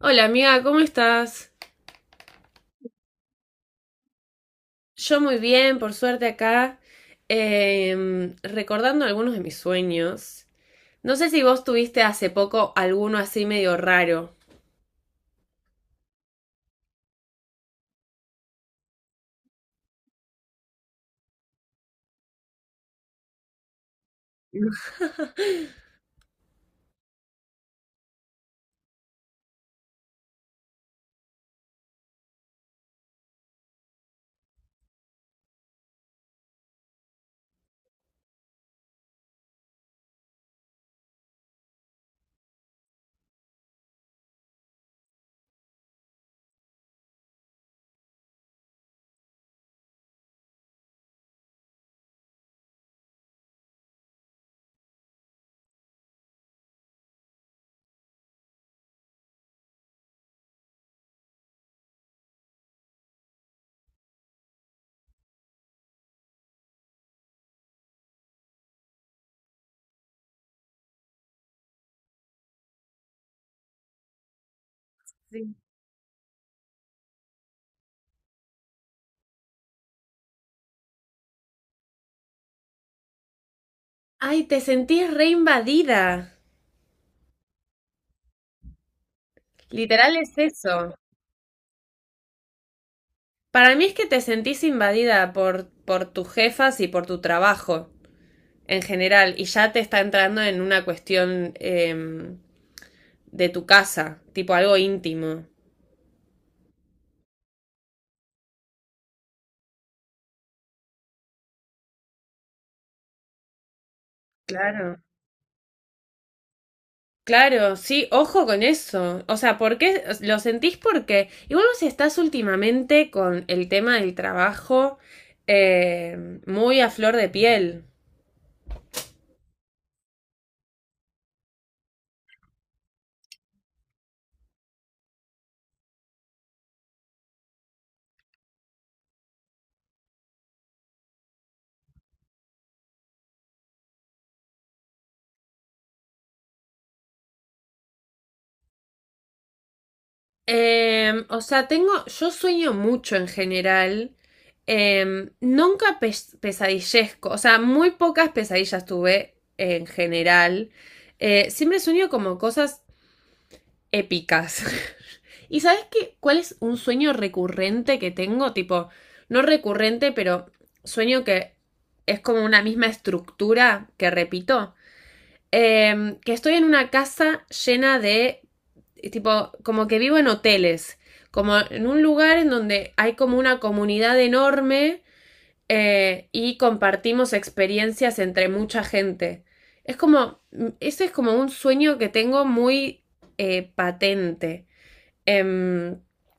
Hola amiga, ¿cómo estás? Yo muy bien, por suerte acá, recordando algunos de mis sueños. No sé si vos tuviste hace poco alguno así medio raro. Sí. Ay, te sentís reinvadida. Literal es eso. Para mí es que te sentís invadida por tus jefas y por tu trabajo en general, y ya te está entrando en una cuestión de tu casa, tipo algo íntimo. Claro. Claro, sí, ojo con eso. O sea, ¿por qué lo sentís? Porque igual vos estás últimamente con el tema del trabajo muy a flor de piel. O sea, tengo, yo sueño mucho en general. Nunca pesadillezco, o sea, muy pocas pesadillas tuve en general. Siempre sueño como cosas épicas. ¿Y sabes qué? ¿Cuál es un sueño recurrente que tengo? Tipo, no recurrente, pero sueño que es como una misma estructura que repito. Que estoy en una casa llena de, tipo, como que vivo en hoteles, como en un lugar en donde hay como una comunidad enorme, y compartimos experiencias entre mucha gente. Es como, ese es como un sueño que tengo muy patente. Em,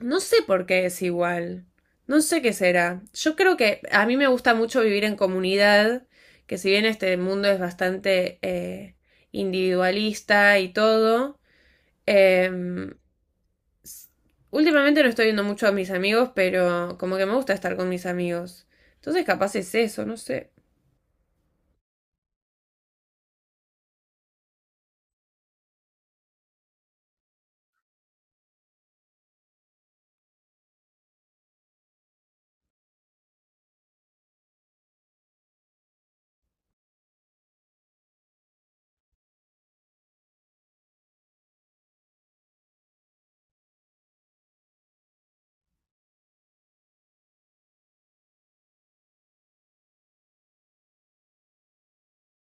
no sé por qué es igual. No sé qué será. Yo creo que a mí me gusta mucho vivir en comunidad, que si bien este mundo es bastante individualista y todo, em, s- últimamente no estoy viendo mucho a mis amigos, pero como que me gusta estar con mis amigos. Entonces capaz es eso, no sé.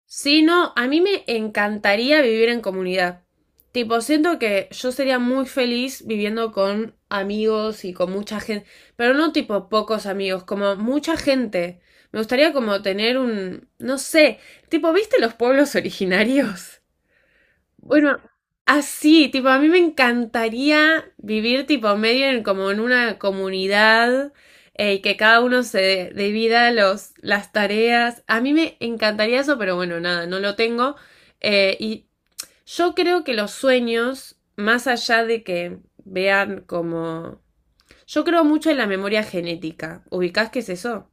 Sí, no, a mí me encantaría vivir en comunidad. Tipo, siento que yo sería muy feliz viviendo con amigos y con mucha gente, pero no tipo pocos amigos, como mucha gente. Me gustaría como tener un, no sé, tipo, ¿viste los pueblos originarios? Bueno, así, tipo, a mí me encantaría vivir tipo medio en como en una comunidad, y que cada uno se divida las tareas. A mí me encantaría eso, pero bueno, nada, no lo tengo. Y yo creo que los sueños, más allá de que vean como... Yo creo mucho en la memoria genética. ¿Ubicás qué es eso?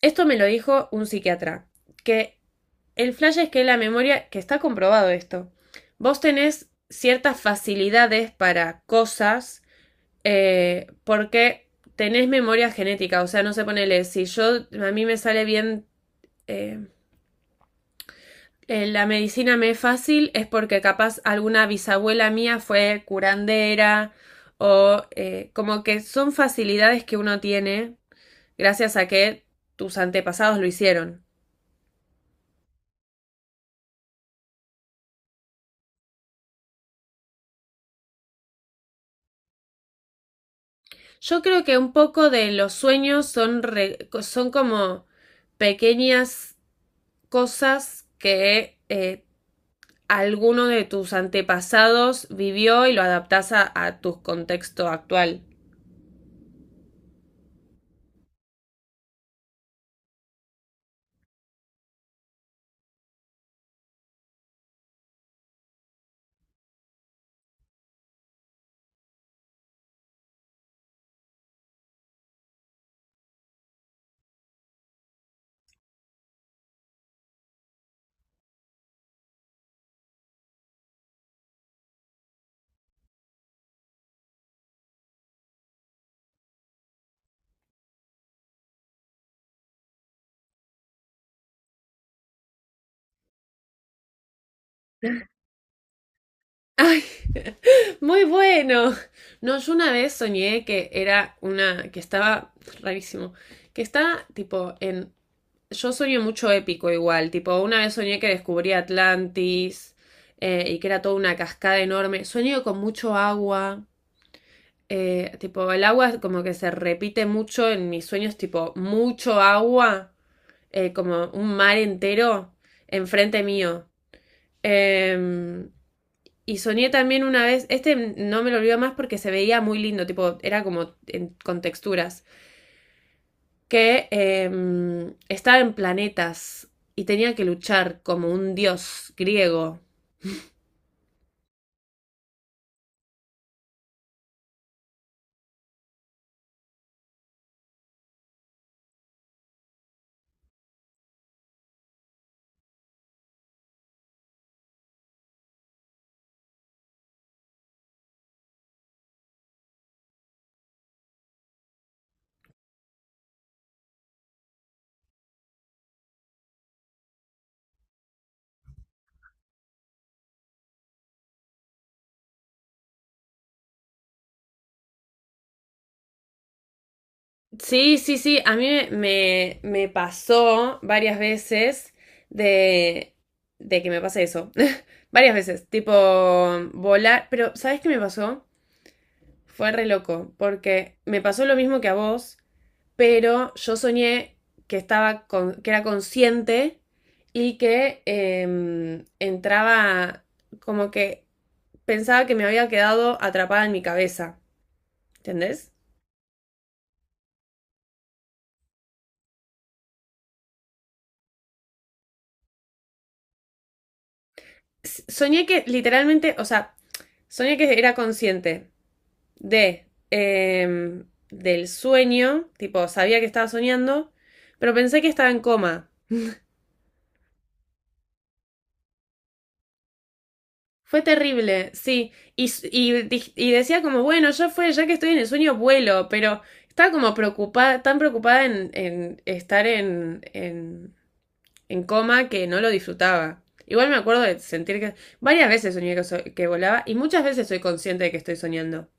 Esto me lo dijo un psiquiatra, que el flash es que la memoria, que está comprobado esto, vos tenés ciertas facilidades para cosas, porque tenés memoria genética, o sea, no se sé, ponele, si yo, a mí me sale bien, eh, la medicina me es fácil, es porque capaz alguna bisabuela mía fue curandera o como que son facilidades que uno tiene gracias a que tus antepasados lo hicieron. Yo creo que un poco de los sueños son, son como pequeñas cosas que alguno de tus antepasados vivió y lo adaptás a tu contexto actual. Ay, muy bueno. No, yo una vez soñé que era una, que estaba rarísimo, que estaba tipo en... Yo soñé mucho épico igual, tipo, una vez soñé que descubrí Atlantis, y que era toda una cascada enorme. Soñé con mucho agua, tipo, el agua como que se repite mucho en mis sueños, tipo, mucho agua, como un mar entero enfrente mío. Em, y soñé también una vez, este no me lo olvido más porque se veía muy lindo, tipo, era como con texturas. Que estaba en planetas y tenía que luchar como un dios griego. Sí, sí, sí, a mí me pasó varias veces de, de que me pase eso. Varias veces, tipo volar, pero ¿sabes qué me pasó? Fue re loco, porque me pasó lo mismo que a vos, pero yo soñé que estaba que era consciente y que entraba, como que pensaba que me había quedado atrapada en mi cabeza, ¿entendés? Soñé que literalmente, o sea, soñé que era consciente de, del sueño, tipo, sabía que estaba soñando, pero pensé que estaba en coma. Fue terrible, sí. Y, y decía como, bueno, ya fue, ya que estoy en el sueño, vuelo, pero estaba como preocupada, tan preocupada en estar en coma que no lo disfrutaba. Igual me acuerdo de sentir que varias veces soñé que, que volaba y muchas veces soy consciente de que estoy soñando.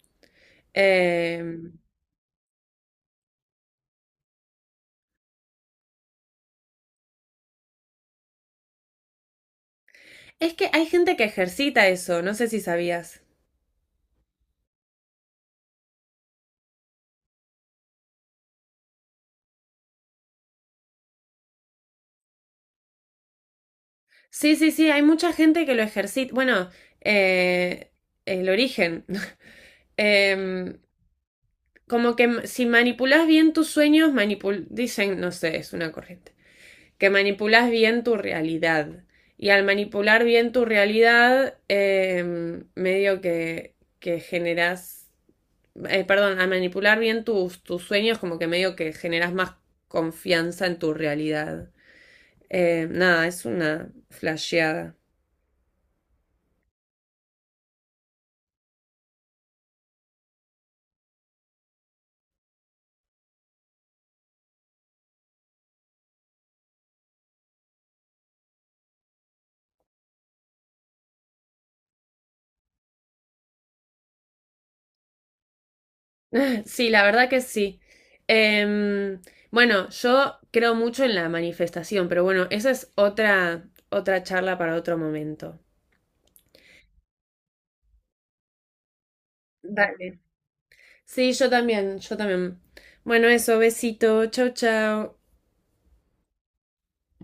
Eh, es que hay gente que ejercita eso, no sé si sabías. Sí, sí, sí, hay mucha gente que lo ejercita. Bueno, eh, el origen. Em, Como que si manipulas bien tus sueños, manipul dicen, no sé, es una corriente, que manipulas bien tu realidad. Y al manipular bien tu realidad, medio que generas, perdón, al manipular bien tus sueños, como que medio que generas más confianza en tu realidad. Nada, es una flasheada. Sí, la verdad que sí. Em, bueno, yo creo mucho en la manifestación, pero bueno, esa es otra, otra charla para otro momento. Dale. Sí, yo también, yo también. Bueno, eso, besito, chau, chau.